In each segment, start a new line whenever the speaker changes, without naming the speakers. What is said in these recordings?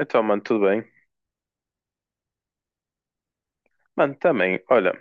Então, mano, tudo bem? Mano, também, olha,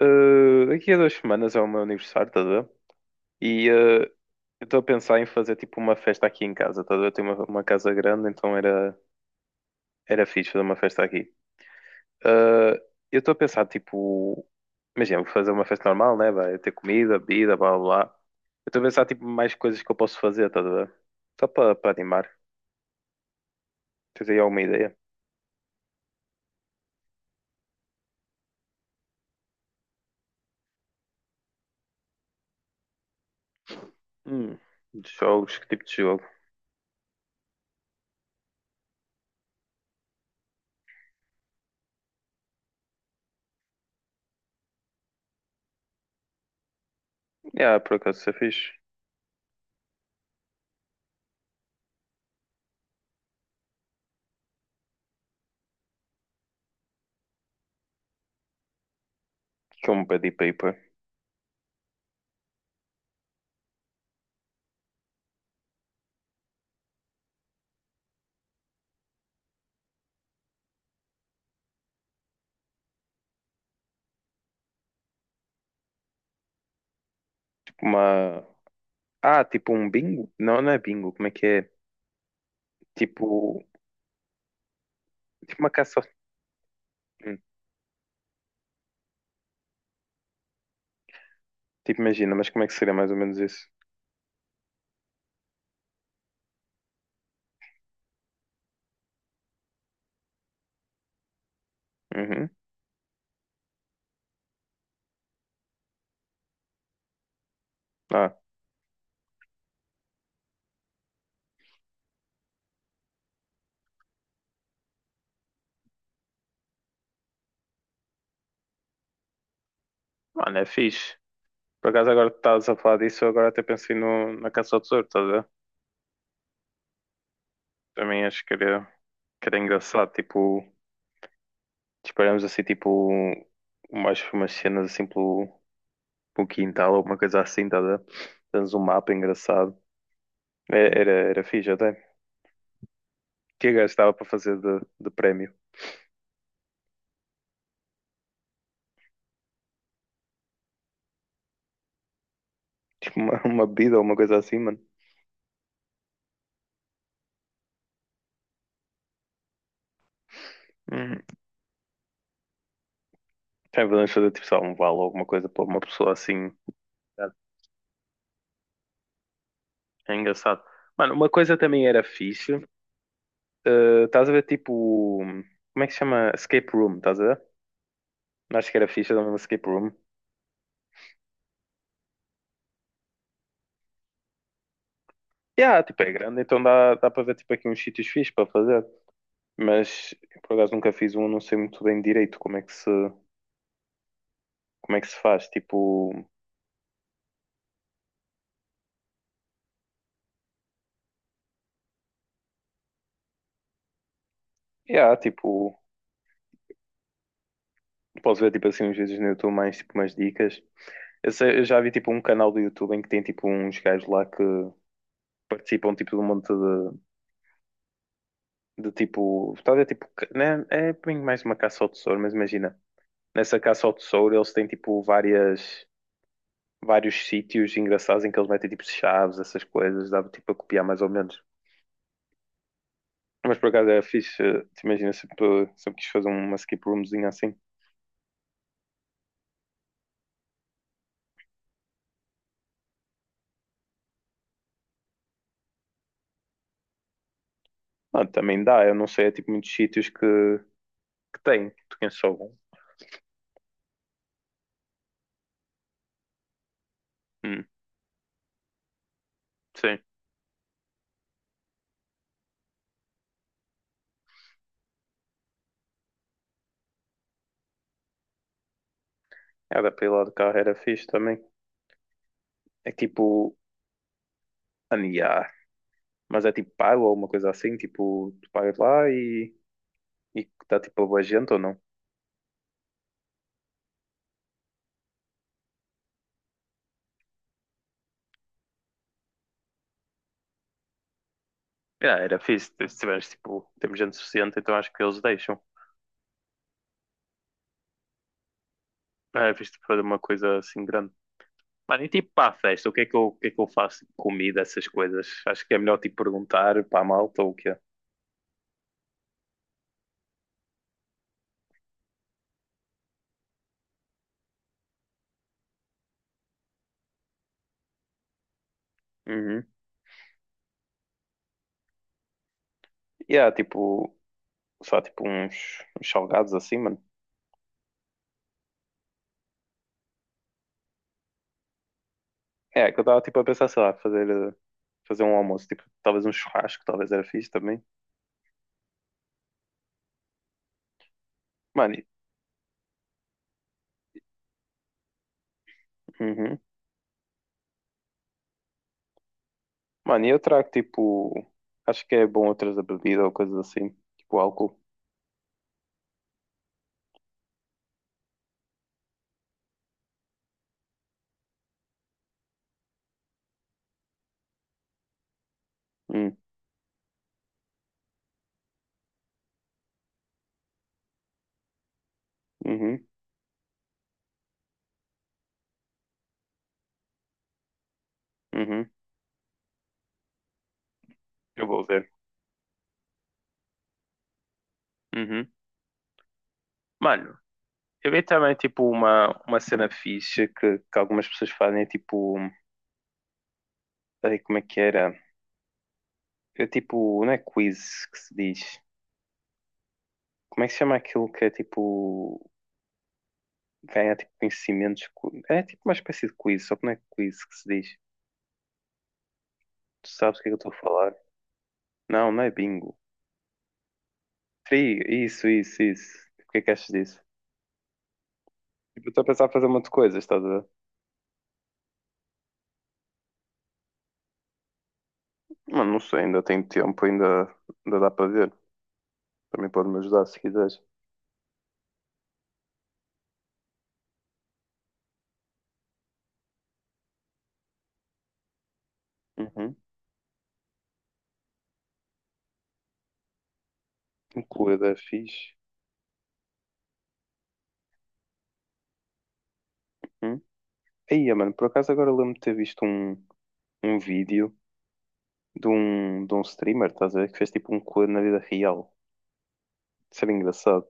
daqui a duas semanas é o meu aniversário, estás a ver? E eu estou a pensar em fazer tipo uma festa aqui em casa, estás a ver? Eu tenho uma casa grande, então era fixe fazer uma festa aqui. Eh, eu estou a pensar, tipo, imagina, vou fazer uma festa normal, né? Vai ter comida, bebida, blá blá blá. Eu estou a pensar, tipo, mais coisas que eu posso fazer, estás a ver? Só para animar. Tens aí alguma ideia? Hum, de jogos, que tipo de jogo? Ah, por acaso, isso é fixe. O que é um pedi paper? Tipo uma. Ah, tipo um bingo? Não, não é bingo, como é que é? Tipo, tipo uma caça. Hum, tipo, imagina, mas como é que seria mais ou menos isso? Uhum. Ah, mano, é fixe. Por acaso agora que estás a falar disso, eu agora até pensei no, na caça ao tesouro, estás a ver? Também acho que era engraçado, tipo, disparamos assim, tipo, mais umas cenas assim pelo quintal, alguma coisa assim, estás a ver? Temos um mapa engraçado. É, era fixe até. O que é que gastava para fazer de prémio? Tipo, uma bebida ou uma coisa assim, mano. Já podemos fazer tipo só um vale ou alguma coisa para uma pessoa assim. Tá? É engraçado. Mano, uma coisa também era fixe. Estás a ver tipo. Como é que se chama? Escape room, estás a ver? Não acho que era fixe, era um escape room. Yeah, tipo, é grande, então dá para ver tipo aqui uns sítios fixes para fazer. Mas por acaso nunca fiz um, não sei muito bem direito como é que se faz. Tipo, yeah, tipo, posso ver tipo assim uns vídeos no YouTube mais tipo umas dicas. Eu já vi tipo um canal do YouTube em que tem tipo uns gajos lá que participam tipo de um monte de tipo. Tal, é tipo. Né, é bem mais uma caça ao tesouro, mas imagina. Nessa caça ao tesouro eles têm tipo vários sítios engraçados em que eles metem tipo chaves, essas coisas, dava tipo a copiar mais ou menos. Mas por acaso era fixe, te imagina, sempre quis fazer uma skip roomzinha assim. Ah, também dá, eu não sei, é tipo muitos sítios que tem, tu conheces algum? Hum, sim. Era para ir lá de carro, era fixe também. É tipo, mano, yeah, mas é tipo pago ou alguma coisa assim, tipo, tu pagas lá e está tipo a boa gente ou não? Ah, era fixe, se tiveres tipo, temos gente suficiente, então acho que eles deixam. Ah, é fixe tipo, fazer uma coisa assim grande. Mano, e tipo para a festa, o que é que eu, o que é que eu faço? Tipo, comida, essas coisas. Acho que é melhor tipo perguntar para a malta ou o quê? Uhum. E há tipo, só tipo uns, uns salgados assim, mano. É, que eu estava tipo a pensar, sei lá, fazer um almoço, tipo, talvez um churrasco, talvez era fixe também. Mano, e- uhum. Mano, e eu trago tipo. Acho que é bom outras da bebida ou coisas assim. Tipo álcool. Hum, uhum, uhum. Eu vou ver. Uhum. Mano, eu vi também tipo uma cena fixe que algumas pessoas fazem. É, tipo. Ai, como é que era? É tipo. Não é quiz que se diz. Como é que se chama aquilo que é tipo. Ganha tipo conhecimentos. É tipo uma espécie de quiz, só que não é quiz que se diz. Tu sabes o que é que eu estou a falar? Não, não é bingo. Tri, isso, isso, isso. O que é que achas disso? Tipo, eu estou a pensar em fazer um monte de coisas, estás a ver? Mano, não sei, ainda tenho ainda dá para ver. Também pode me ajudar se quiseres. Uhum. Incluída é fixe. Uhum. Aí, mano, por acaso agora lembro-me de ter visto um vídeo de de um streamer, estás a ver? Que fez tipo um coelho na vida real. Isso era engraçado.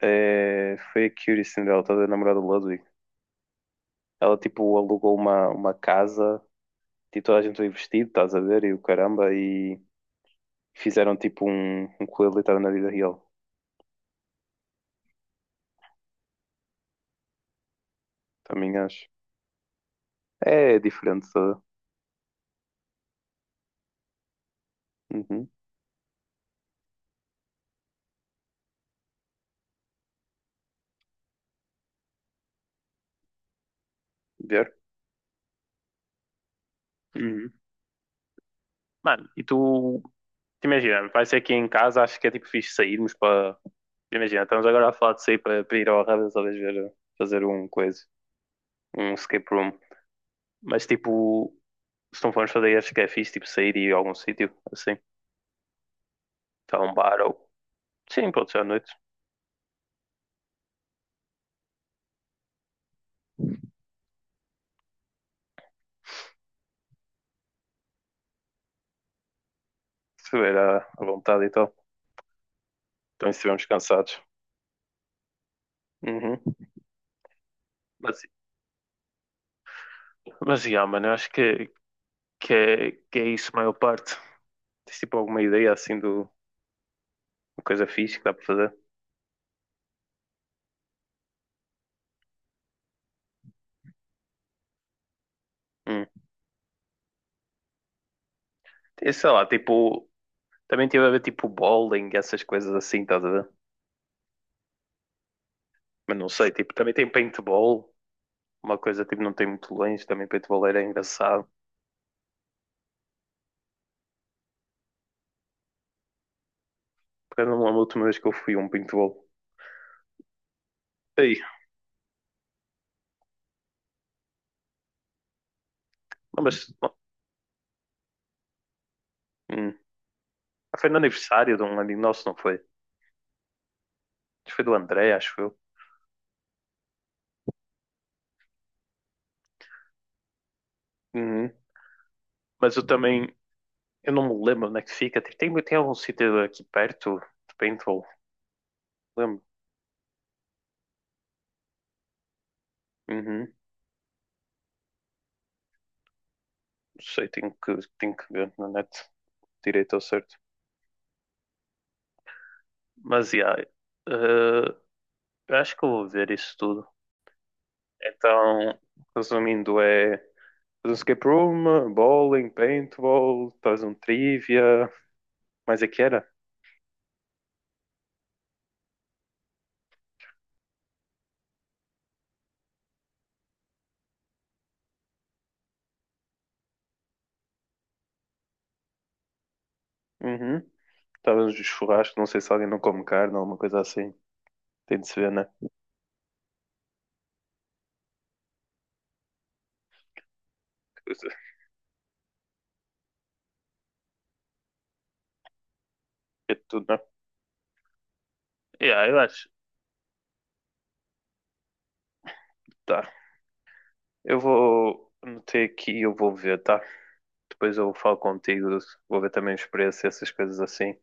É, foi a Cutie Cinderella, estás a ver? A namorada do Ludwig. Ela tipo alugou uma casa, tipo toda a gente foi vestido, estás a ver? E o caramba, e fizeram tipo um coelho literal na vida real. Também acho. É diferente toda. Uhum. Ver. Uhum. Mano, e tu, te imagina, vai ser aqui em casa, acho que é tipo fixe sairmos para. Imagina, estamos agora a falar de sair para ir ao Arradas, talvez ver, fazer um coisa, um escape room. Mas tipo, se não formos fazer, acho que é fixe, tipo, sair e ir a algum sítio, assim, para um bar ou. Sim, pode ser à noite, se tiver à vontade e tal. Então, se estivermos cansados. Uhum. Mas, mas, yeah, mano, eu acho que é isso, a maior parte. Tens tipo alguma ideia assim do, uma coisa fixe que dá para fazer. Hum. E sei lá, tipo, também tive a ver tipo bowling, essas coisas assim, estás a ver? Mas não sei, tipo, também tem paintball, uma coisa tipo, não tem muito longe, também paintball era engraçado. Porque eu não lembro a última vez que eu fui a um paintball. Ei, não, mas hum, foi no aniversário de um amigo nosso, não foi? Acho que foi do André, acho eu. Uhum. Mas eu também, eu não me lembro onde é que fica. Tipo, tem algum sítio aqui perto de paintball? Lembro. Uhum. Não sei, tenho que ver na net direito ao certo. Mas, yeah, eh, eu acho que eu vou ver isso tudo. Então, resumindo, é fazer um escape room, bowling, paintball, talvez um trivia, mais é que era? Uhum. Talvez um churrasco, não sei se alguém não come carne ou alguma coisa assim. Tem de se ver, né? É tudo, né? Yeah, eu acho. Tá. Eu vou meter aqui e eu vou ver, tá? Depois eu falo contigo, vou ver também a experiência, essas coisas assim.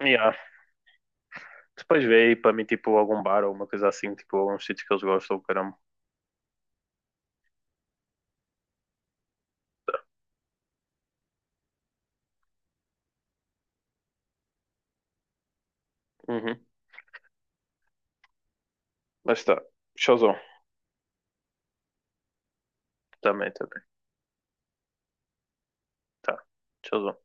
Yeah. Depois vê aí para mim, tipo, algum bar ou uma coisa assim, tipo, alguns sítios que eles gostam, caramba. Tá. Uhum. Mas tá. Showzão. Também, também. Tá. Showzão.